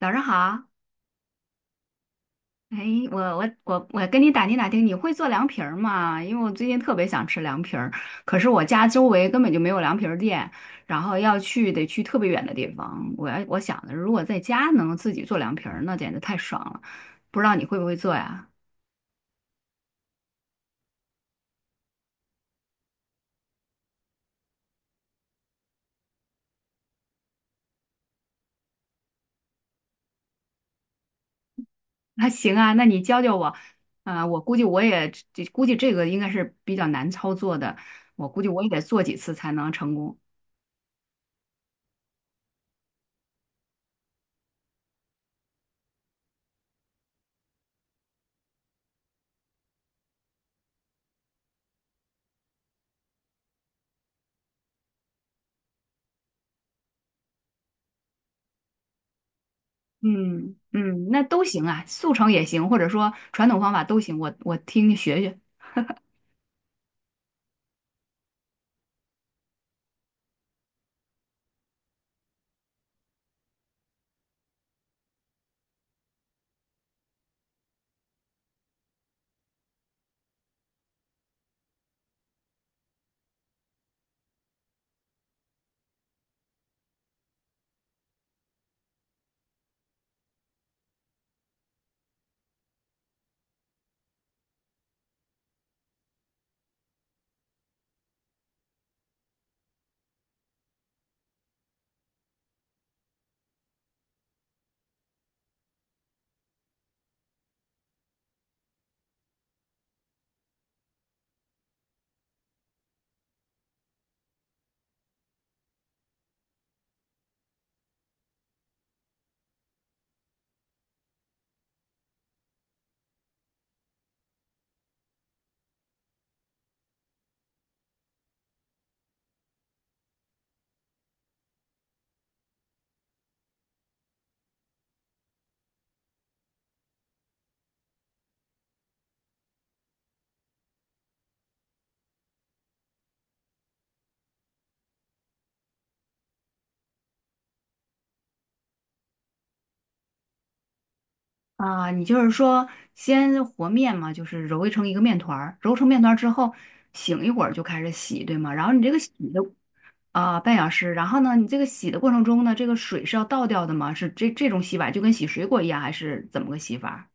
早上好，哎，我跟你打听打听，你会做凉皮儿吗？因为我最近特别想吃凉皮儿，可是我家周围根本就没有凉皮儿店，然后要去得去特别远的地方。我想的，如果在家能自己做凉皮儿，那简直太爽了。不知道你会不会做呀？那行啊，那你教教我。估计这个应该是比较难操作的，我估计我也得做几次才能成功。嗯嗯，那都行啊，速成也行，或者说传统方法都行，我听听学学啊。你就是说，先和面嘛，就是揉成一个面团儿，揉成面团儿之后，醒一会儿就开始洗，对吗？然后你这个洗的啊、半小时，然后呢，你这个洗的过程中呢，这个水是要倒掉的吗？是这种洗法就跟洗水果一样，还是怎么个洗法？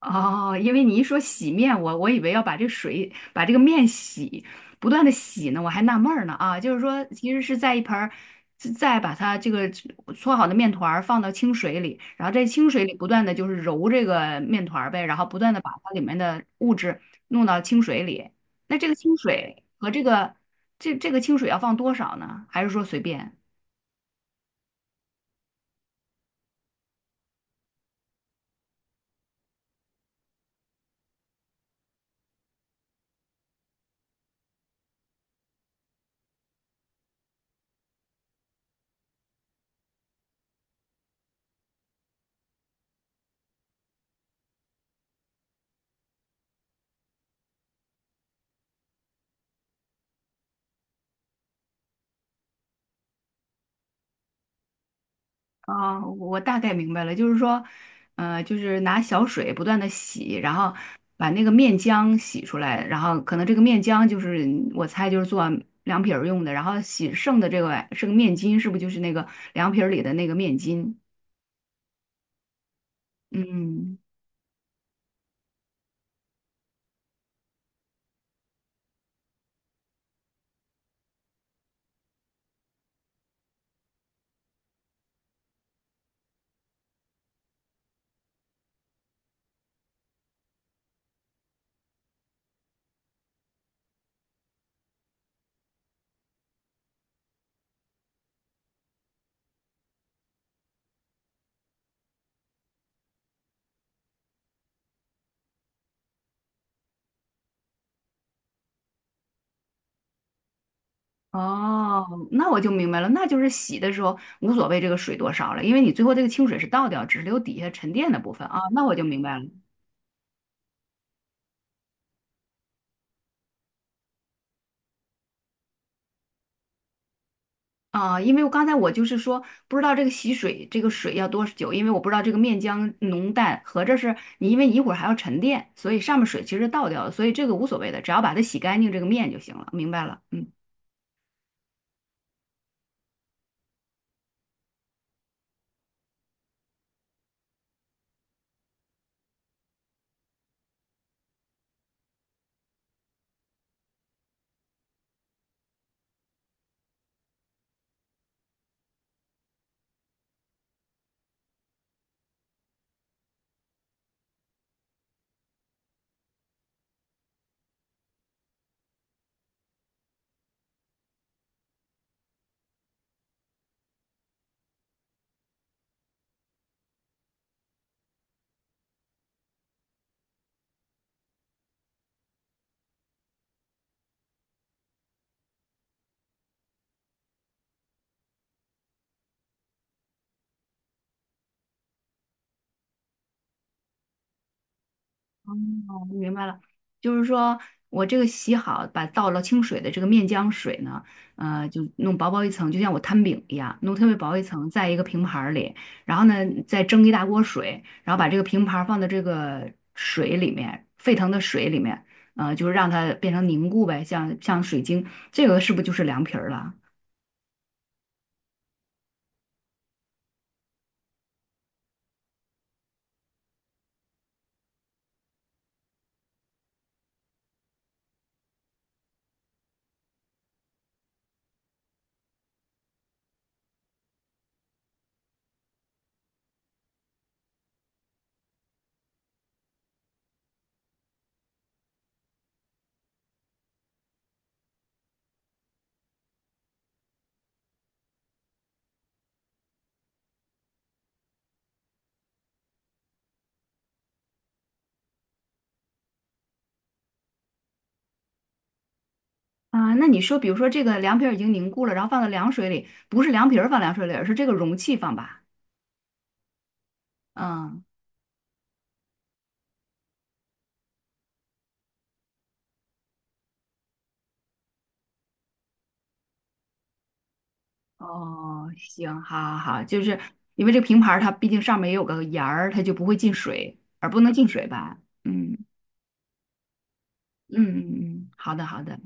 哦，因为你一说洗面，我以为要把这水把这个面洗，不断的洗呢，我还纳闷儿呢啊，就是说其实是在一盆儿，是再把它这个搓好的面团儿放到清水里，然后在清水里不断的就是揉这个面团儿呗，然后不断的把它里面的物质弄到清水里。那这个清水和这个这这个清水要放多少呢？还是说随便？啊，我大概明白了，就是说，就是拿小水不断的洗，然后把那个面浆洗出来，然后可能这个面浆就是我猜就是做凉皮儿用的，然后洗剩的这个剩个面筋，是不是就是那个凉皮儿里的那个面筋？嗯，哦，那我就明白了，那就是洗的时候无所谓这个水多少了，因为你最后这个清水是倒掉，只是留底下沉淀的部分啊，那我就明白了。啊，因为我刚才就是说不知道这个洗水这个水要多久，因为我不知道这个面浆浓淡，合着是你因为一会儿还要沉淀，所以上面水其实倒掉了，所以这个无所谓的，只要把它洗干净这个面就行了，明白了，嗯。明白了，就是说我这个洗好，把倒了清水的这个面浆水呢，就弄薄薄一层，就像我摊饼一样，弄特别薄一层，在一个平盘儿里，然后呢，再蒸一大锅水，然后把这个平盘儿放到这个水里面，沸腾的水里面，就是让它变成凝固呗，像水晶，这个是不是就是凉皮儿了？啊，那你说，比如说这个凉皮儿已经凝固了，然后放到凉水里，不是凉皮儿放凉水里，而是这个容器放吧？嗯。哦，行，好好好，就是因为这个平盘儿它毕竟上面也有个沿儿，它就不会进水，而不能进水吧？嗯嗯嗯嗯，好的好的，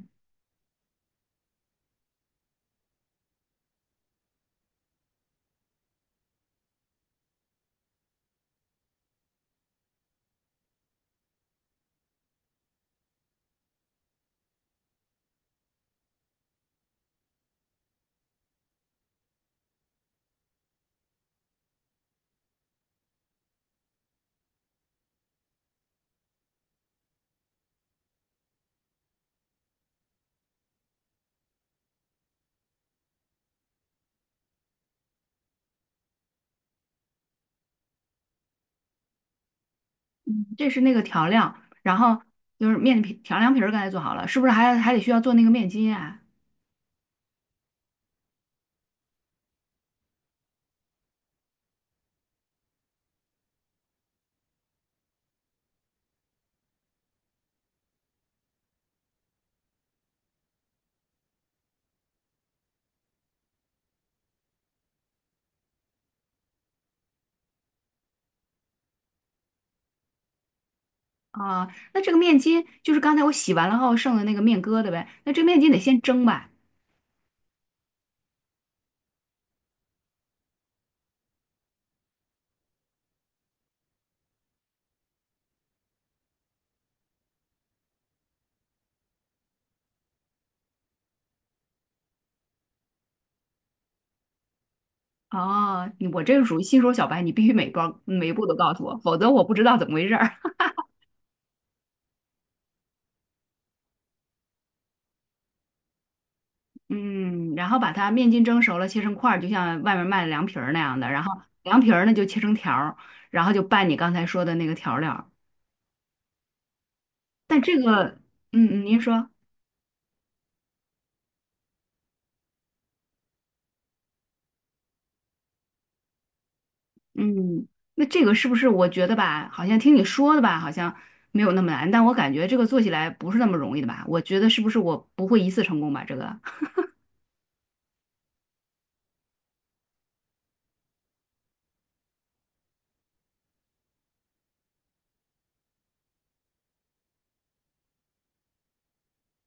嗯，这是那个调料，然后就是面皮调凉皮儿刚才做好了，是不是还得需要做那个面筋啊？啊，那这个面筋就是刚才我洗完了后剩的那个面疙瘩呗，那这面筋得先蒸吧？哦，你我这个属于新手小白，你必须每一步都告诉我，否则我不知道怎么回事儿。嗯，然后把它面筋蒸熟了，切成块儿，就像外面卖的凉皮儿那样的。然后凉皮儿呢就切成条儿，然后就拌你刚才说的那个调料儿但这个，嗯嗯，您说，嗯，那这个是不是我觉得吧，好像听你说的吧，好像没有那么难，但我感觉这个做起来不是那么容易的吧？我觉得是不是我不会一次成功吧？这个，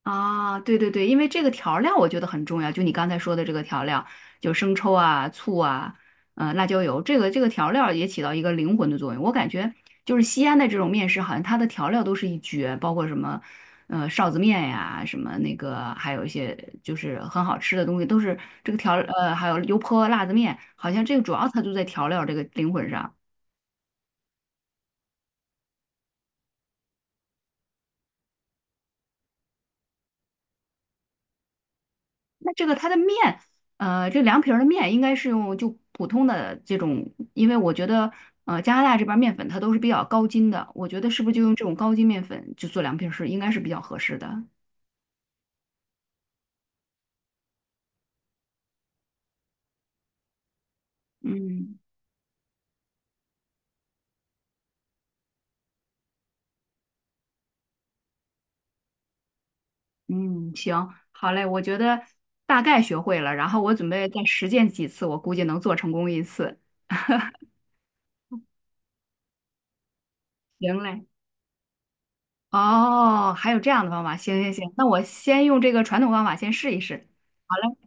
啊，对对对，因为这个调料我觉得很重要，就你刚才说的这个调料，就生抽啊、醋啊、辣椒油，这个调料也起到一个灵魂的作用。我感觉就是西安的这种面食，好像它的调料都是一绝，包括什么臊子面呀、什么那个，还有一些就是很好吃的东西，都是这个调呃还有油泼辣子面，好像这个主要它就在调料这个灵魂上。那这个它的面，这凉皮儿的面应该是用就普通的这种，因为我觉得，加拿大这边儿面粉它都是比较高筋的，我觉得是不是就用这种高筋面粉就做凉皮儿是应该是比较合适的。嗯嗯，行，好嘞，我觉得大概学会了，然后我准备再实践几次，我估计能做成功一次。行嘞，哦，还有这样的方法，行行行，那我先用这个传统方法先试一试。好嘞，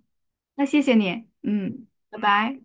那谢谢你，嗯，拜拜。